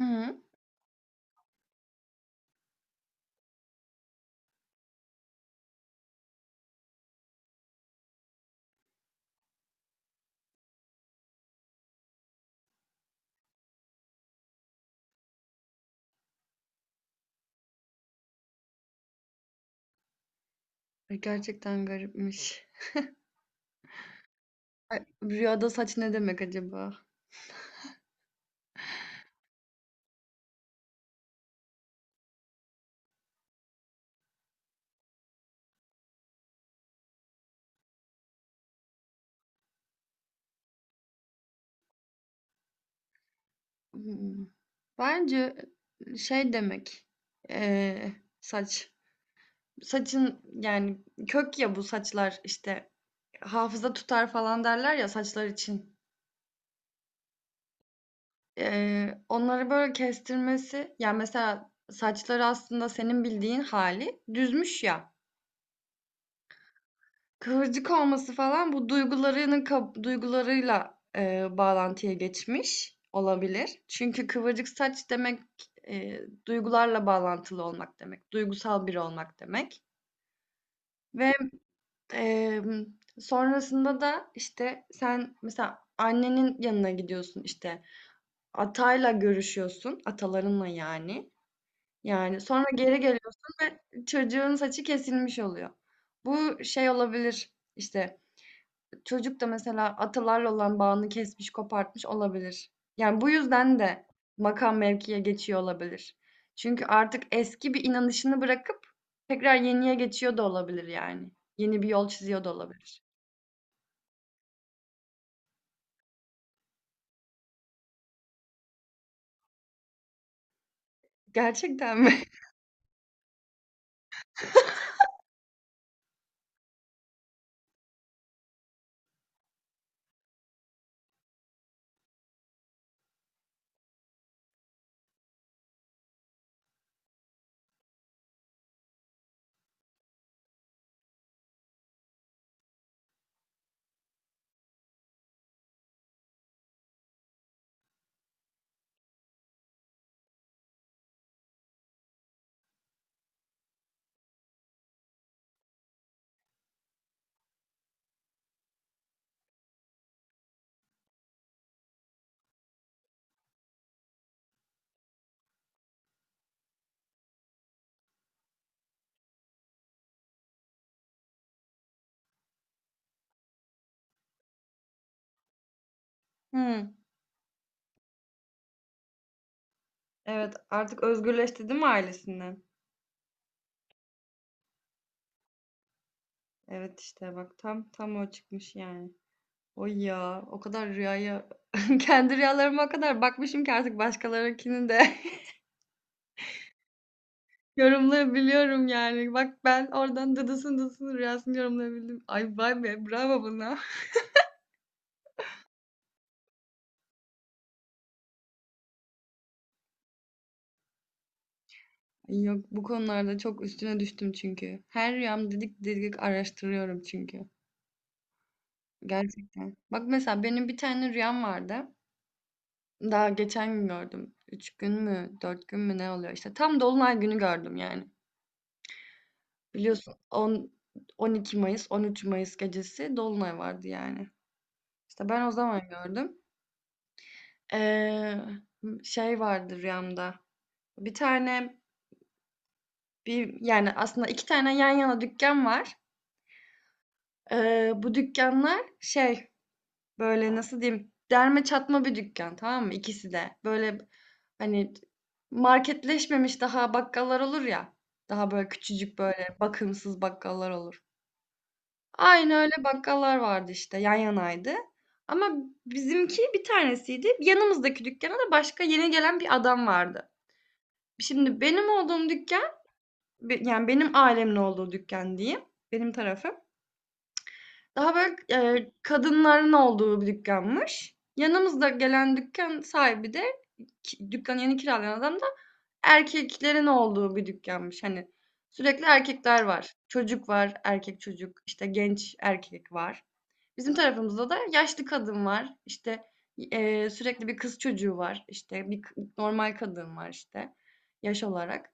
Hı. Ay, gerçekten garipmiş. Ay, rüyada saç ne demek acaba? Hımm. Bence, şey demek, eee, saç. Saçın yani kök ya bu saçlar, işte, hafıza tutar falan derler ya saçlar için. Onları böyle kestirmesi, ya, mesela saçları aslında senin bildiğin hali düzmüş ya. Kıvırcık olması falan bu duygularının duygularıyla, bağlantıya geçmiş olabilir. Çünkü kıvırcık saç demek, duygularla bağlantılı olmak demek, duygusal biri olmak demek ve, emm, sonrasında da, işte, sen mesela annenin yanına gidiyorsun, işte, atayla görüşüyorsun, atalarınla yani. Yani, sonra geri geliyorsun ve çocuğun saçı kesilmiş oluyor. Bu şey olabilir, işte, çocuk da mesela atalarla olan bağını kesmiş, kopartmış olabilir. Yani bu yüzden de makam mevkiye geçiyor olabilir. Çünkü artık eski bir inanışını bırakıp tekrar yeniye geçiyor da olabilir yani. Yeni bir yol çiziyor da olabilir. Gerçekten mi? Hımm. Evet, artık özgürleşti değil mi ailesinden? Evet, işte bak tam o çıkmış yani. Oy ya, o kadar rüyaya kendi rüyalarıma o kadar bakmışım ki artık başkalarınkini de yorumlayabiliyorum yani. Bak ben oradan Dıdıs'ın rüyasını yorumlayabildim. Ay vay be bravo bana. Ay, yok, bu konularda çok üstüne düştüm çünkü. Her rüyam didik didik araştırıyorum çünkü. Gerçekten. Bak mesela benim bir tane rüyam vardı. Daha geçen gün gördüm. Üç gün mü, dört gün mü ne oluyor işte. Tam Dolunay günü gördüm yani. Biliyorsun 10, 12 Mayıs, 13 Mayıs gecesi Dolunay vardı yani. İşte ben o zaman gördüm. Ee, şey vardı rüyamda. Bir tane, bir, yani aslında 2 tane yan yana dükkân var. Bu dükkanlar şey, böyle, nasıl diyeyim, derme çatma bir dükkân, tamam mı? İkisi de. Böyle, hani, marketleşmemiş daha bakkallar olur ya, daha böyle küçücük, böyle, bakımsız bakkallar olur. Aynı öyle bakkallar vardı işte, yan yanaydı. Ama bizimki bir tanesiydi. Yanımızdaki dükkâna da başka yeni gelen bir adam vardı. Şimdi benim olduğum dükkân, yani benim ailemin olduğu dükkan diyeyim, benim tarafım. Daha böyle, kadınların olduğu bir dükkanmış. Yanımızda gelen dükkan sahibi de ki dükkanı yeni kiralayan adam da erkeklerin olduğu bir dükkanmış. Hani sürekli erkekler var. Çocuk var, erkek çocuk, işte genç erkek var. Bizim tarafımızda da yaşlı kadın var. İşte, sürekli bir kız çocuğu var. İşte bir normal kadın var işte yaş olarak.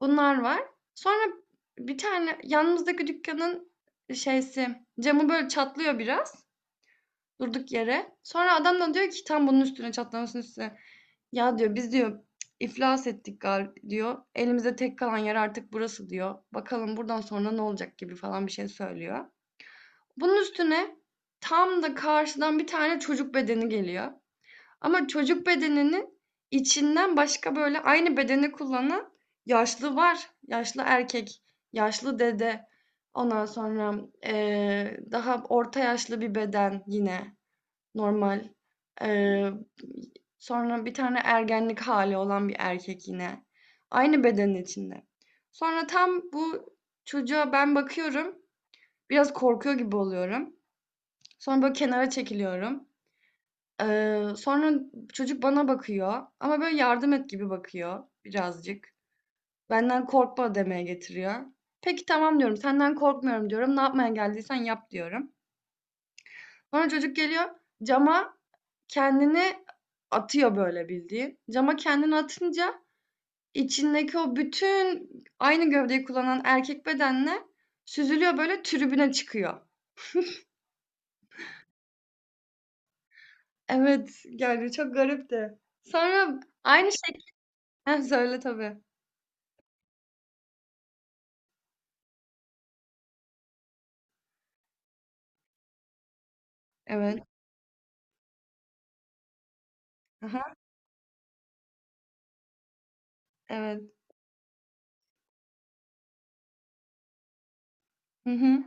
Bunlar var. Sonra bir tane yanımızdaki dükkanın şeysi camı böyle çatlıyor biraz durduk yere. Sonra adam da diyor ki tam bunun üstüne, çatlamasının üstüne. Ya diyor, biz diyor, iflas ettik galiba diyor. Elimizde tek kalan yer artık burası diyor. Bakalım buradan sonra ne olacak gibi falan bir şey söylüyor. Bunun üstüne tam da karşıdan bir tane çocuk bedeni geliyor. Ama çocuk bedeninin içinden başka, böyle, aynı bedeni kullanan yaşlı var. Yaşlı erkek, yaşlı dede, ondan sonra, daha orta yaşlı bir beden yine normal. Eee, sonra bir tane ergenlik hali olan bir erkek yine. Aynı bedenin içinde. Sonra tam bu çocuğa ben bakıyorum, biraz korkuyor gibi oluyorum. Sonra, böyle, kenara çekiliyorum. Sonra çocuk bana bakıyor ama böyle yardım et gibi bakıyor birazcık. Benden korkma demeye getiriyor. Peki, tamam diyorum. Senden korkmuyorum diyorum. Ne yapmaya geldiysen yap diyorum. Sonra çocuk geliyor, cama kendini atıyor böyle bildiğin. Cama kendini atınca içindeki o bütün aynı gövdeyi kullanan erkek bedenle süzülüyor, böyle tribüne çıkıyor. Evet yani çok garipti. Sonra aynı şekilde söyle tabii. Evet. Aha, evet. Hı hı.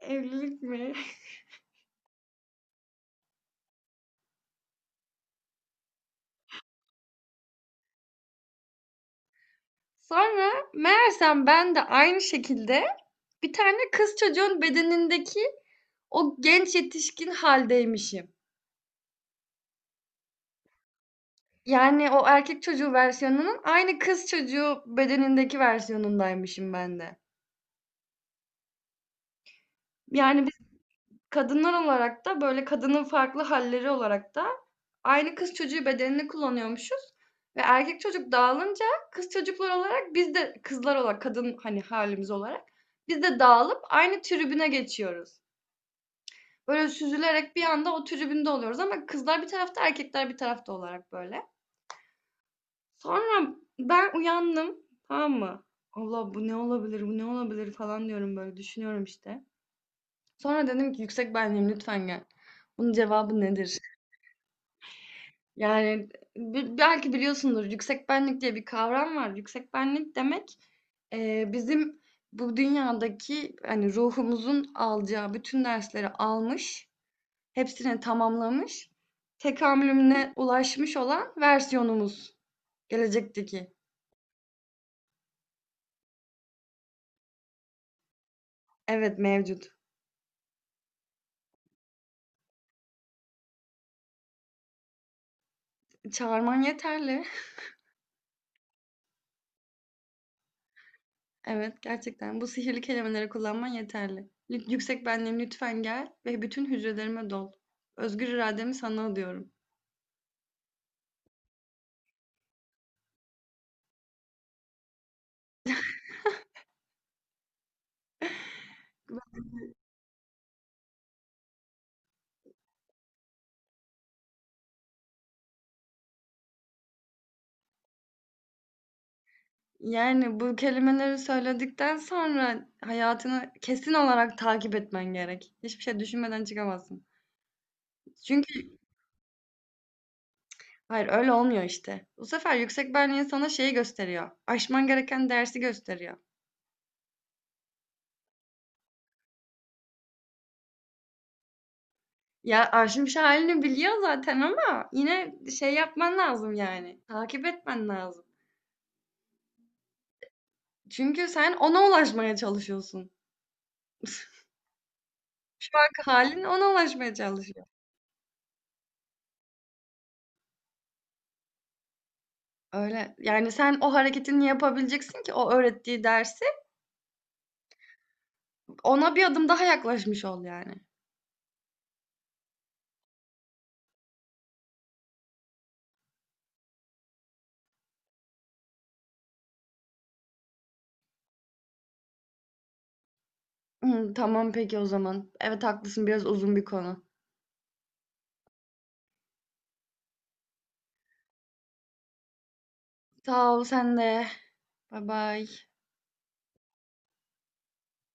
Evlilik mi? Sonra meğersem ben de aynı şekilde bir tane kız çocuğun bedenindeki o genç yetişkin haldeymişim. Yani o erkek çocuğu versiyonunun aynı kız çocuğu bedenindeki versiyonundaymışım ben de. Yani, kadınlar olarak da, böyle, kadının farklı halleri olarak da aynı kız çocuğu bedenini kullanıyormuşuz ve erkek çocuk dağılınca kız çocuklar olarak, biz de kızlar olarak, kadın, hani, halimiz olarak biz de dağılıp aynı tribüne geçiyoruz. Böyle süzülerek bir anda o tribünde oluyoruz ama kızlar bir tarafta, erkekler bir tarafta olarak, böyle. Sonra ben uyandım, tamam mı? "Allah, bu ne olabilir, bu ne olabilir?" falan diyorum, böyle düşünüyorum, işte. Sonra dedim ki, "Yüksek benliğim, lütfen gel. Bunun cevabı nedir?" Yani, belki biliyorsundur, yüksek benlik diye bir kavram var. Yüksek benlik demek, bizim bu dünyadaki, hani, ruhumuzun alacağı bütün dersleri almış, hepsini tamamlamış, tekamülüne ulaşmış olan versiyonumuz, gelecekteki. Evet, mevcut. Çağırman yeterli. Evet, gerçekten bu sihirli kelimeleri kullanman yeterli. "Yüksek benliğim lütfen gel ve bütün hücrelerime dol. Özgür irademi sana adıyorum." Yani, bu kelimeleri söyledikten sonra hayatını kesin olarak takip etmen gerek. Hiçbir şey düşünmeden çıkamazsın. Çünkü hayır, öyle olmuyor işte. Bu sefer yüksek benliğin sana şeyi gösteriyor, aşman gereken dersi gösteriyor. Ya, aşmış halini biliyor zaten ama yine şey yapman lazım yani, takip etmen lazım. Çünkü sen ona ulaşmaya çalışıyorsun. Şu anki halin ona ulaşmaya çalışıyor. Öyle. Yani sen o hareketini yapabileceksin ki o öğrettiği dersi ona bir adım daha yaklaşmış ol yani. Hı, tamam peki o zaman. Evet, haklısın, biraz uzun bir konu. Sağ ol, sen de. Bay bay.